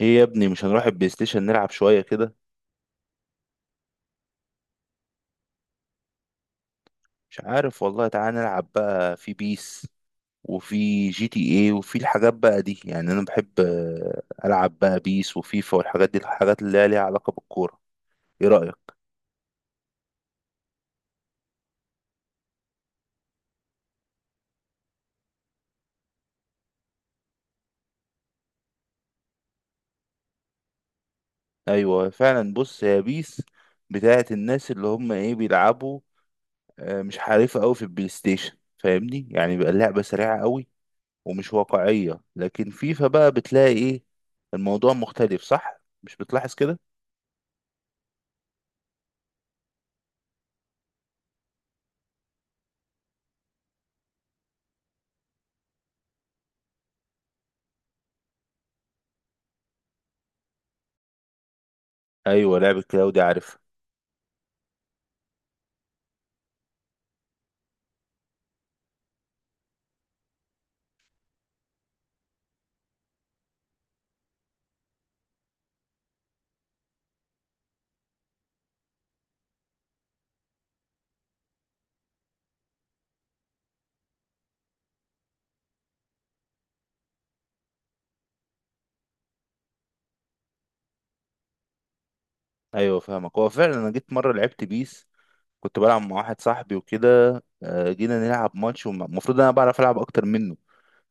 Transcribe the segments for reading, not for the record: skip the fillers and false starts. ايه يا ابني، مش هنروح البلاي ستيشن نلعب شوية كده؟ مش عارف والله، تعالى نلعب بقى في بيس وفي جي تي ايه وفي الحاجات بقى دي. يعني انا بحب العب بقى بيس وفيفا والحاجات دي، الحاجات اللي هي ليها علاقة بالكورة. ايه رأيك؟ ايوه فعلا. بص، هي بيس بتاعت الناس اللي هم ايه بيلعبوا. مش حريفة قوي في البلاي ستيشن، فاهمني؟ يعني بقى اللعبة سريعة قوي ومش واقعية، لكن فيفا بقى بتلاقي ايه الموضوع مختلف. صح؟ مش بتلاحظ كده؟ ايوه، لعبة كلاودي، عارف. ايوه فاهمك. هو فعلا انا جيت مره لعبت بيس، كنت بلعب مع واحد صاحبي وكده. جينا نلعب ماتش، والمفروض انا بعرف العب اكتر منه،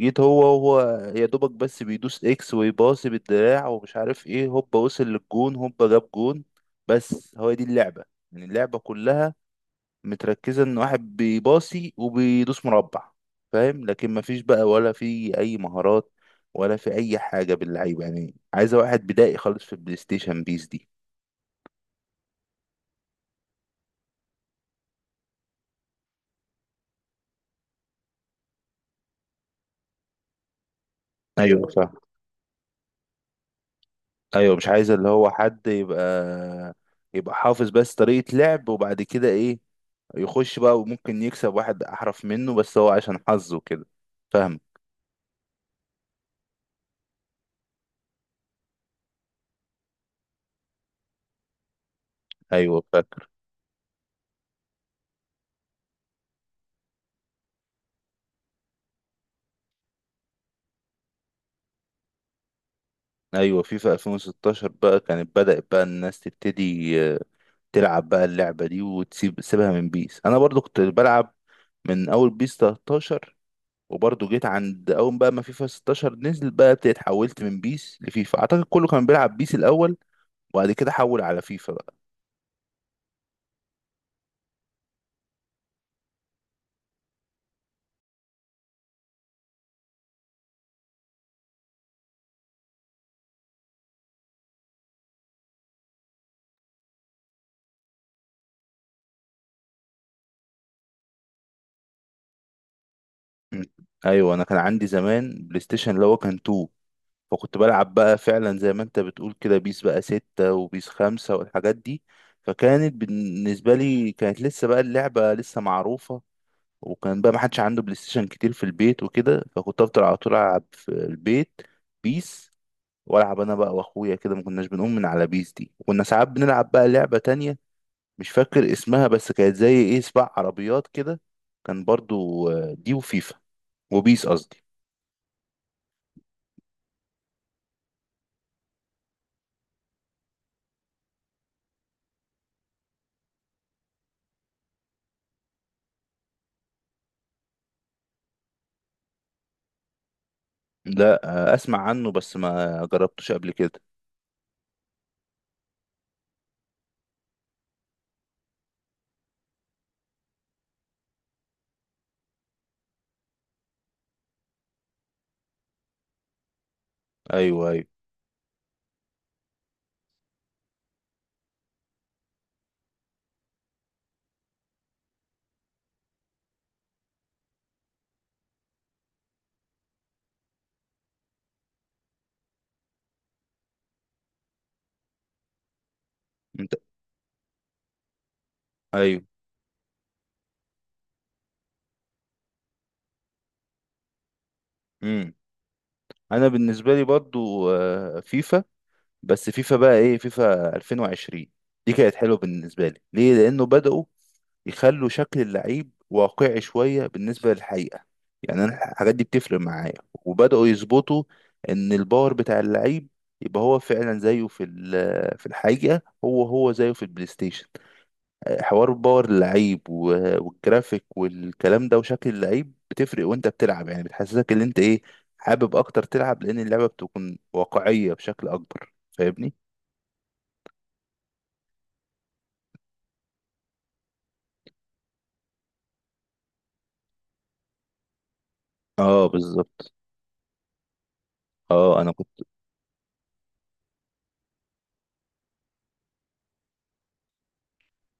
جيت هو هو يا دوبك بس بيدوس اكس ويباصي بالدراع ومش عارف ايه، هوبا وصل للجون، هوبا جاب جون. بس هو دي اللعبه، يعني اللعبه كلها متركزه ان واحد بيباصي وبيدوس مربع، فاهم؟ لكن مفيش بقى ولا في اي مهارات ولا في اي حاجه باللعيبه، يعني عايزه واحد بدائي خالص في البلاي ستيشن بيس دي. ايوه فاهم. ايوه، مش عايز اللي هو حد يبقى يبقى حافظ بس طريقة لعب وبعد كده ايه، يخش بقى وممكن يكسب واحد احرف منه بس هو عشان حظه كده، فاهم؟ ايوه فاكر. ايوه، فيفا 2016 بقى كانت بدأت بقى الناس تبتدي تلعب بقى اللعبة دي وتسيب من بيس. انا برضو كنت بلعب من اول بيس 13، وبرضو جيت عند اول بقى ما فيفا 16 نزل بقى ابتديت حولت من بيس لفيفا. اعتقد كله كان بيلعب بيس الاول وبعد كده حول على فيفا. مم. ايوه، انا كان عندي زمان بلاي ستيشن اللي هو كان 2، فكنت بلعب بقى فعلا زي ما انت بتقول كده بيس بقى 6 وبيس 5 والحاجات دي. فكانت بالنسبه لي كانت لسه بقى اللعبه لسه معروفه، وكان بقى ما حدش عنده بلاي ستيشن كتير في البيت وكده، فكنت افضل على طول العب في البيت بيس. والعب انا بقى واخويا كده، ما كناش بنقوم من على بيس دي. وكنا ساعات بنلعب بقى لعبه تانية مش فاكر اسمها، بس كانت زي ايه سباق عربيات كده. كان برضو دي وفيفا، وبيس قصدي. لا، اسمع عنه بس ما جربتوش قبل كده. ايوه ايوه. انت. ايوه. امم. انا بالنسبه لي برضو فيفا. بس فيفا بقى ايه فيفا 2020 دي كانت حلوه بالنسبه لي. ليه؟ لانه بداوا يخلوا شكل اللعيب واقعي شويه بالنسبه للحقيقه، يعني انا الحاجات دي بتفرق معايا. وبداوا يظبطوا ان الباور بتاع اللعيب يبقى هو فعلا زيه في في الحقيقه، هو هو زيه في البلاي ستيشن. حوار باور اللعيب والجرافيك والكلام ده وشكل اللعيب بتفرق وانت بتلعب، يعني بتحسسك ان انت ايه حابب اكتر تلعب، لان اللعبة بتكون واقعية بشكل اكبر، فاهمني؟ اه بالظبط. اه انا كنت.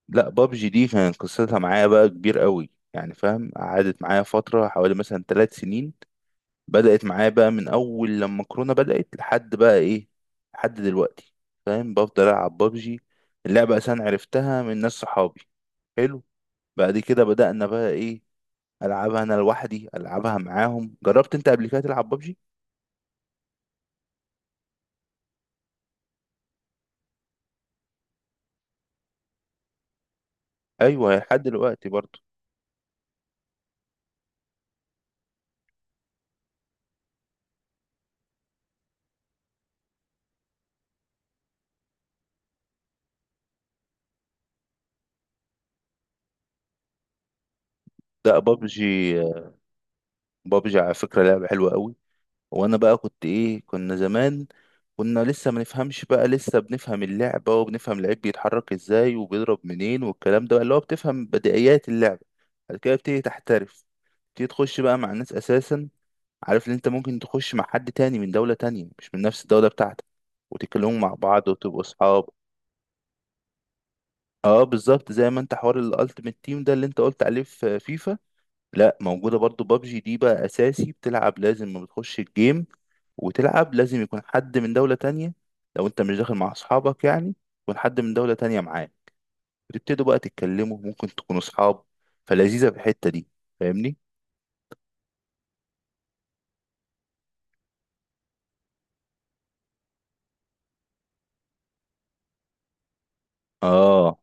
لا، بابجي دي كان قصتها معايا بقى كبير قوي، يعني فاهم قعدت معايا فترة حوالي مثلا 3 سنين. بدأت معايا بقى من اول لما كورونا بدأت لحد بقى ايه، لحد دلوقتي. فاهم؟ بفضل العب بابجي. اللعبة اصلا عرفتها من ناس صحابي، حلو. بعد كده بدأنا بقى ايه العبها انا لوحدي، العبها معاهم. جربت انت قبل كده تلعب بابجي؟ ايوه لحد دلوقتي برضه. ده بابجي. بابجي على فكرة لعبة حلوة قوي. وانا بقى كنت ايه، كنا زمان كنا لسه ما نفهمش، بقى لسه بنفهم اللعبة وبنفهم اللعيب بيتحرك ازاي وبيضرب منين والكلام ده، اللي هو بتفهم بدائيات اللعبة. بعد كده بتبتدي تحترف، بتبتدي تخش بقى مع الناس اساسا. عارف ان انت ممكن تخش مع حد تاني من دولة تانية مش من نفس الدولة بتاعتك، وتتكلموا مع بعض وتبقوا صحاب. اه بالظبط، زي ما انت حوار الالتيميت تيم ده اللي انت قلت عليه في فيفا، لا موجوده برضو بابجي دي بقى اساسي. بتلعب لازم ما بتخش الجيم وتلعب لازم يكون حد من دوله تانية. لو انت مش داخل مع اصحابك، يعني يكون حد من دوله تانية معاه، بتبتدوا بقى تتكلموا، ممكن تكونوا اصحاب. فلذيذه في الحته دي، فاهمني؟ اه.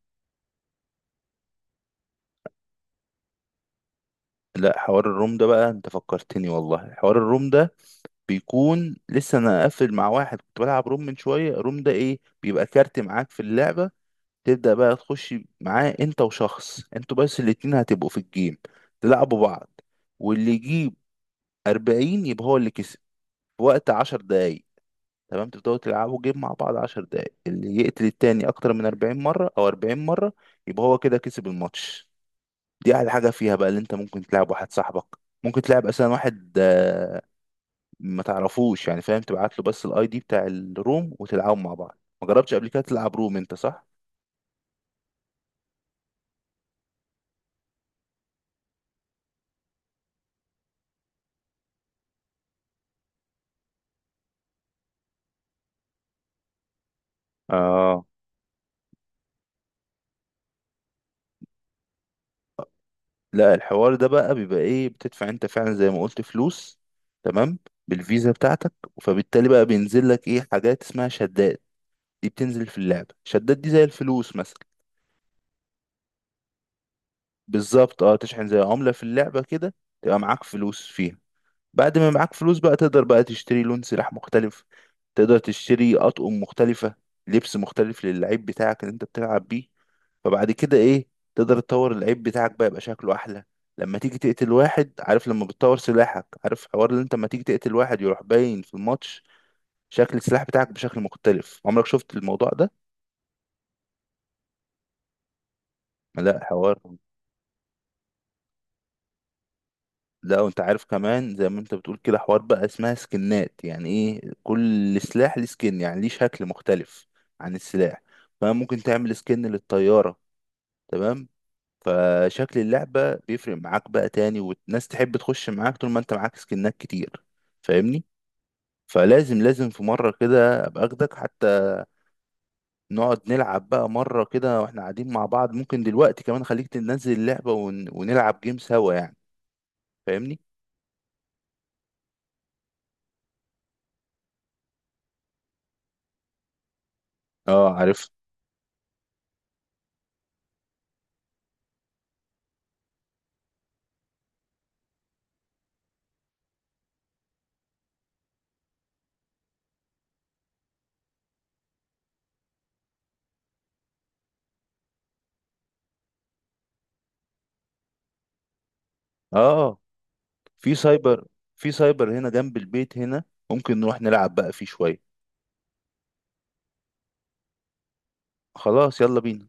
لا، حوار الروم ده بقى انت فكرتني، والله حوار الروم ده. بيكون لسه انا قافل مع واحد كنت بلعب روم من شويه. الروم ده ايه؟ بيبقى كارت معاك في اللعبه، تبدأ بقى تخش معاه انت وشخص، انتوا بس الاتنين هتبقوا في الجيم تلعبوا بعض، واللي يجيب 40 يبقى هو اللي كسب في وقت 10 دقايق. تمام؟ تبدأوا تلعبوا جيم مع بعض 10 دقايق، اللي يقتل التاني أكتر من 40 مرة أو 40 مرة يبقى هو كده كسب الماتش. دي أحلى حاجة فيها بقى، اللي انت ممكن تلعب واحد صاحبك، ممكن تلعب أصلا واحد ما تعرفوش، يعني فاهم تبعت له بس الاي دي بتاع الروم وتلعبوا مع بعض. ما جربتش قبل كده تلعب روم انت، صح؟ اه. لا، الحوار ده بقى بيبقى ايه بتدفع انت فعلا زي ما قلت فلوس. تمام، بالفيزا بتاعتك. فبالتالي بقى بينزل لك ايه حاجات اسمها شدات، دي بتنزل في اللعبة. شدات دي زي الفلوس مثلا. بالظبط، اه، تشحن زي عملة في اللعبة كده، تبقى معاك فلوس فيها. بعد ما معاك فلوس بقى تقدر بقى تشتري لون سلاح مختلف، تقدر تشتري أطقم مختلفة، لبس مختلف للعيب بتاعك اللي انت بتلعب بيه. فبعد كده ايه، تقدر تطور العيب بتاعك بقى يبقى شكله احلى. لما تيجي تقتل واحد، عارف لما بتطور سلاحك، عارف حوار اللي انت لما تيجي تقتل واحد يروح باين في الماتش شكل السلاح بتاعك بشكل مختلف؟ عمرك شفت الموضوع ده؟ لا حوار. لا، وانت عارف كمان زي ما انت بتقول كده، حوار بقى اسمها سكنات، يعني ايه كل سلاح ليه سكن، يعني ليه شكل مختلف عن السلاح. فممكن تعمل سكن للطيارة، تمام؟ فشكل اللعبة بيفرق معاك بقى تاني، والناس تحب تخش معاك طول ما انت معاك سكنات كتير، فاهمني؟ فلازم في مرة كده ابقى اخدك حتى، نقعد نلعب بقى مرة كده واحنا قاعدين مع بعض. ممكن دلوقتي كمان خليك تنزل اللعبة ونلعب جيم سوا، يعني فاهمني؟ اه عارف. اه، في سايبر. في سايبر هنا جنب البيت هنا، ممكن نروح نلعب بقى فيه شوية. خلاص، يلا بينا.